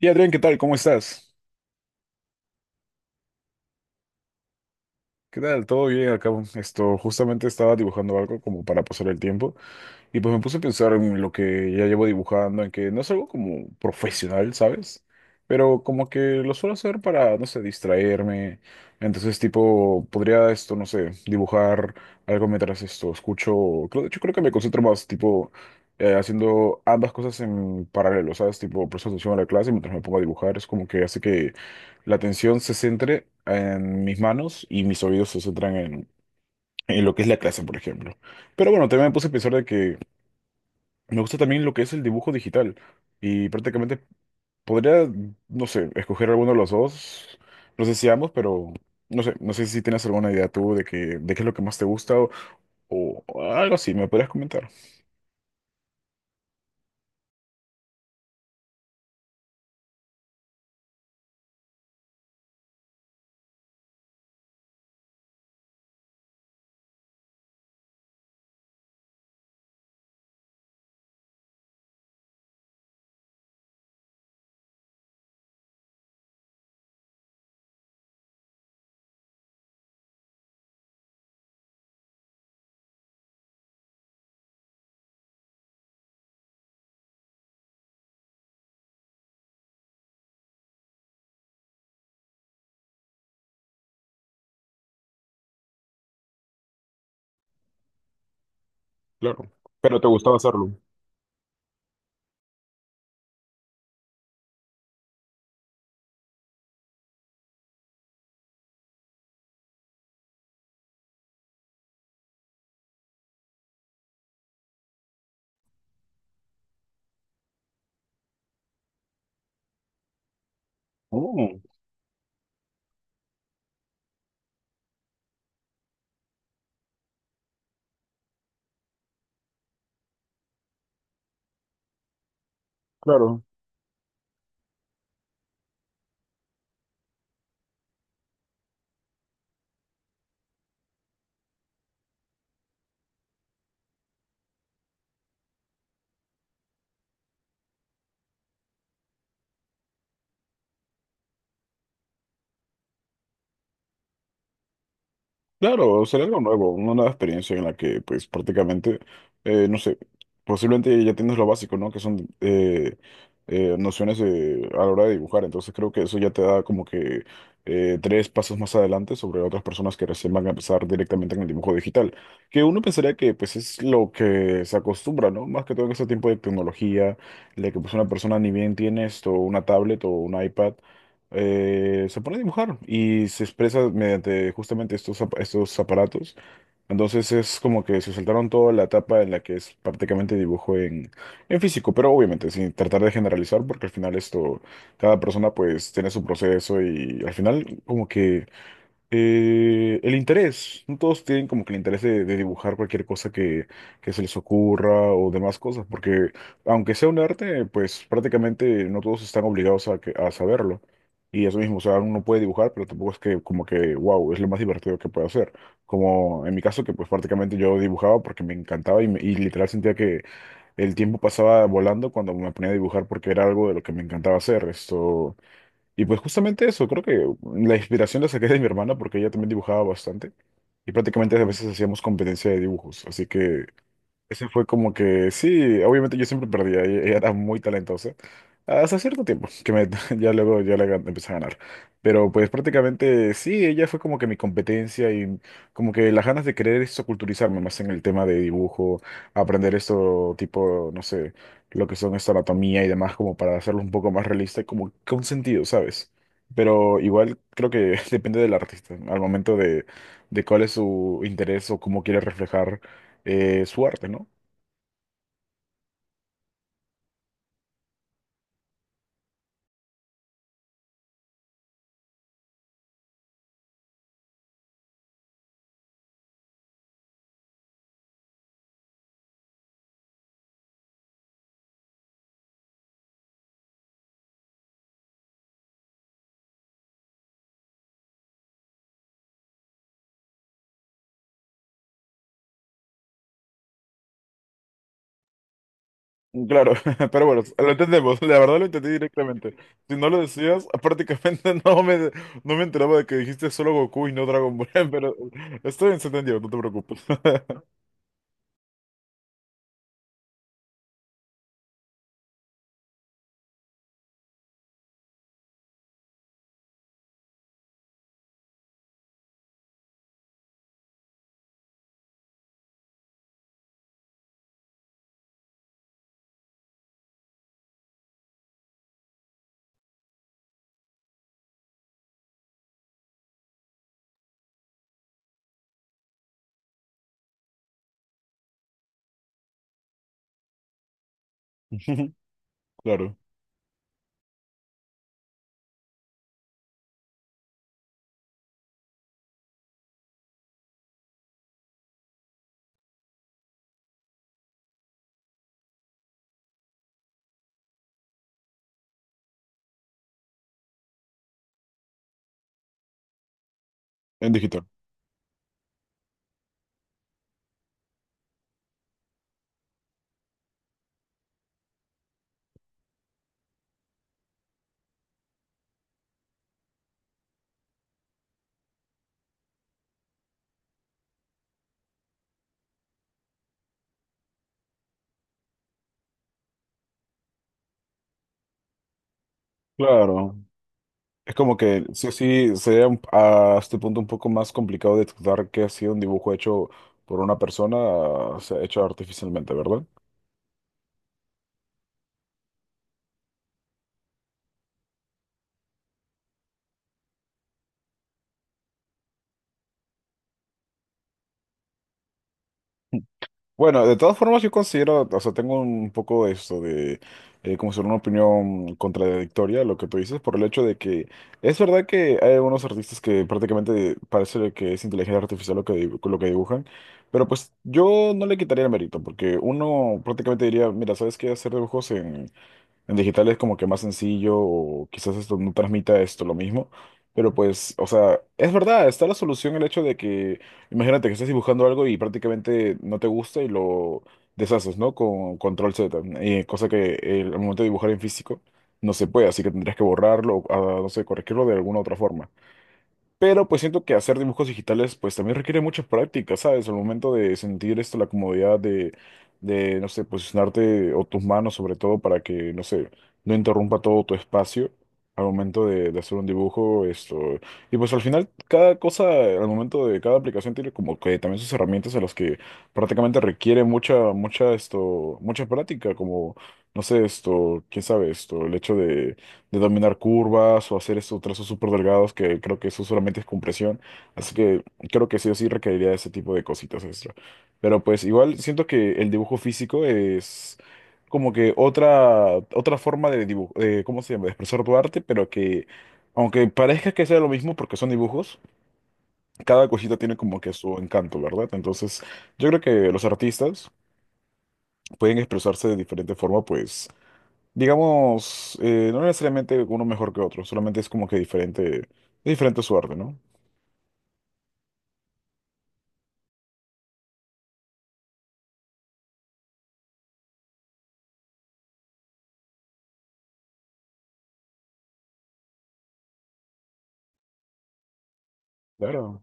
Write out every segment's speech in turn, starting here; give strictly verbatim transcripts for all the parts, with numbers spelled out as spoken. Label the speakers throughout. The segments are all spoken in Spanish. Speaker 1: Y Adrián, ¿qué tal? ¿Cómo estás? ¿Qué tal? ¿Todo bien acá? Esto, justamente estaba dibujando algo como para pasar el tiempo. Y pues me puse a pensar en lo que ya llevo dibujando, en que no es algo como profesional, ¿sabes? Pero como que lo suelo hacer para, no sé, distraerme. Entonces, tipo, podría esto, no sé, dibujar algo mientras esto escucho. Creo, de hecho, creo que me concentro más, tipo, eh, haciendo ambas cosas en paralelo, ¿sabes? Tipo, presto atención a la clase mientras me pongo a dibujar. Es como que hace que la atención se centre en mis manos y mis oídos se centran en, en lo que es la clase, por ejemplo. Pero bueno, también me puse a pensar de que me gusta también lo que es el dibujo digital y prácticamente podría, no sé, escoger alguno de los dos, no sé si ambos, pero no sé, no sé si tienes alguna idea tú de que, de qué es lo que más te gusta o, o algo así, me podrías comentar. Claro. Pero te gustaba hacerlo. Oh, claro. Claro, será algo nuevo, una nueva experiencia en la que, pues, prácticamente, eh, no sé, posiblemente ya tienes lo básico, ¿no? Que son eh, eh, nociones de- a la hora de dibujar. Entonces creo que eso ya te da como que eh, tres pasos más adelante sobre otras personas que recién van a empezar directamente en el dibujo digital. Que uno pensaría que, pues, es lo que se acostumbra, ¿no? Más que todo en ese tiempo de tecnología, de que, pues, una persona ni bien tiene esto, una tablet o un iPad eh, se pone a dibujar y se expresa mediante justamente estos, ap- estos aparatos. Entonces es como que se saltaron toda la etapa en la que es prácticamente dibujo en, en físico, pero obviamente sin tratar de generalizar porque al final esto, cada persona pues tiene su proceso y al final como que... Eh, el interés, no todos tienen como que el interés de, de dibujar cualquier cosa que, que se les ocurra o demás cosas, porque aunque sea un arte, pues prácticamente no todos están obligados a, que- a saberlo. Y eso mismo, o sea, uno puede dibujar, pero tampoco es que como que, wow, es lo más divertido que puede hacer. Como en mi caso, que pues prácticamente yo dibujaba porque me encantaba y, me- y literal sentía que el tiempo pasaba volando cuando me ponía a dibujar porque era algo de lo que me encantaba hacer. Esto... Y pues justamente eso, creo que la inspiración la saqué de mi hermana porque ella también dibujaba bastante y prácticamente a veces hacíamos competencia de dibujos, así que ese fue como que, sí, obviamente yo siempre perdía, ella, ella era muy talentosa, hasta cierto tiempo, que me- ya luego yo le gan- empecé a ganar, pero pues prácticamente sí, ella fue como que mi competencia y como que las ganas de querer eso, culturizarme más en el tema de dibujo, aprender esto tipo, no sé, lo que son esta anatomía y demás, como para hacerlo un poco más realista y como con sentido, ¿sabes? Pero igual creo que depende del artista, al momento de, de cuál es su interés o cómo quiere reflejar eh, su arte, ¿no? Claro, pero bueno, lo entendemos, la verdad lo entendí directamente. Si no lo decías, prácticamente no me, no me enteraba de que dijiste solo Goku y no Dragon Ball, pero estoy bien, se entendió, no te preocupes. Ujú, claro, en digital. Claro, es como que sí o sí sería un- a este punto un poco más complicado detectar que ha sido un dibujo hecho por una persona, o sea, hecho artificialmente, ¿verdad? Bueno, de todas formas yo considero, o sea, tengo un poco de esto de, eh, como ser una opinión contradictoria a lo que tú dices, por el hecho de que es verdad que hay algunos artistas que prácticamente parece que es inteligencia artificial lo que, dibu- lo que dibujan, pero pues yo no le quitaría el mérito, porque uno prácticamente diría, mira, ¿sabes qué? Hacer dibujos en digital es como que más sencillo, o quizás esto no transmita esto lo mismo, pero pues, o sea, es verdad, está la solución el hecho de que, imagínate que estás dibujando algo y prácticamente no te gusta y lo deshaces, ¿no? Con control Z, eh, cosa que eh, al momento de dibujar en físico no se puede, así que tendrías que borrarlo, o, ah, no sé, corregirlo de alguna otra forma. Pero pues siento que hacer dibujos digitales pues también requiere mucha práctica, ¿sabes? Al momento de sentir esto, la comodidad de, de, no sé, posicionarte o tus manos sobre todo para que, no sé, no interrumpa todo tu espacio al momento de, de hacer un dibujo, esto. Y pues al final cada cosa, al momento de cada aplicación tiene como que también sus herramientas en las que prácticamente requiere mucha, mucha, esto, mucha práctica, como, no sé, esto, quién sabe, esto, el hecho de de dominar curvas o hacer esos trazos súper delgados que creo que eso solamente es compresión. Así que creo que sí o sí requeriría de ese tipo de cositas extra. Pero pues igual siento que el dibujo físico es como que otra, otra forma de dibujo, de, ¿cómo se llama? De expresar tu arte, pero que aunque parezca que sea lo mismo porque son dibujos, cada cosita tiene como que su encanto, ¿verdad? Entonces yo creo que los artistas pueden expresarse de diferente forma, pues digamos, eh, no necesariamente uno mejor que otro, solamente es como que diferente, de diferente suerte, ¿no? Claro,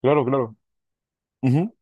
Speaker 1: claro, claro. Ujú.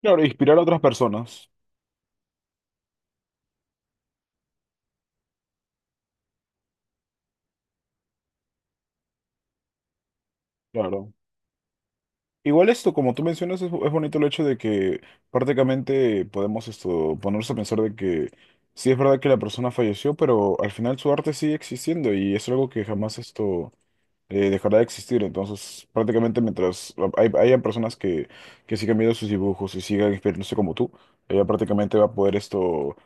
Speaker 1: Claro, inspirar a otras personas, claro. Igual esto, como tú mencionas, es, es bonito el hecho de que prácticamente podemos esto, ponerse a pensar de que sí es verdad que la persona falleció, pero al final su arte sigue existiendo y es algo que jamás esto eh, dejará de existir. Entonces, prácticamente mientras ah, hay, hayan personas que, que sigan viendo sus dibujos y sigan inspirándose como tú, ella prácticamente va a poder esto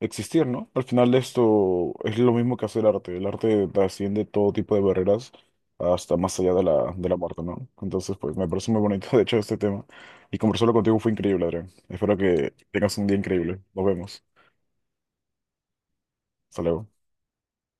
Speaker 1: existir, ¿no? Al final esto es lo mismo que hacer arte. El arte trasciende todo tipo de barreras hasta más allá de la, de la muerte, ¿no? Entonces, pues me parece muy bonito, de hecho, este tema. Y conversarlo contigo fue increíble, Adrián. Espero que tengas un día increíble. Nos vemos. Hasta luego.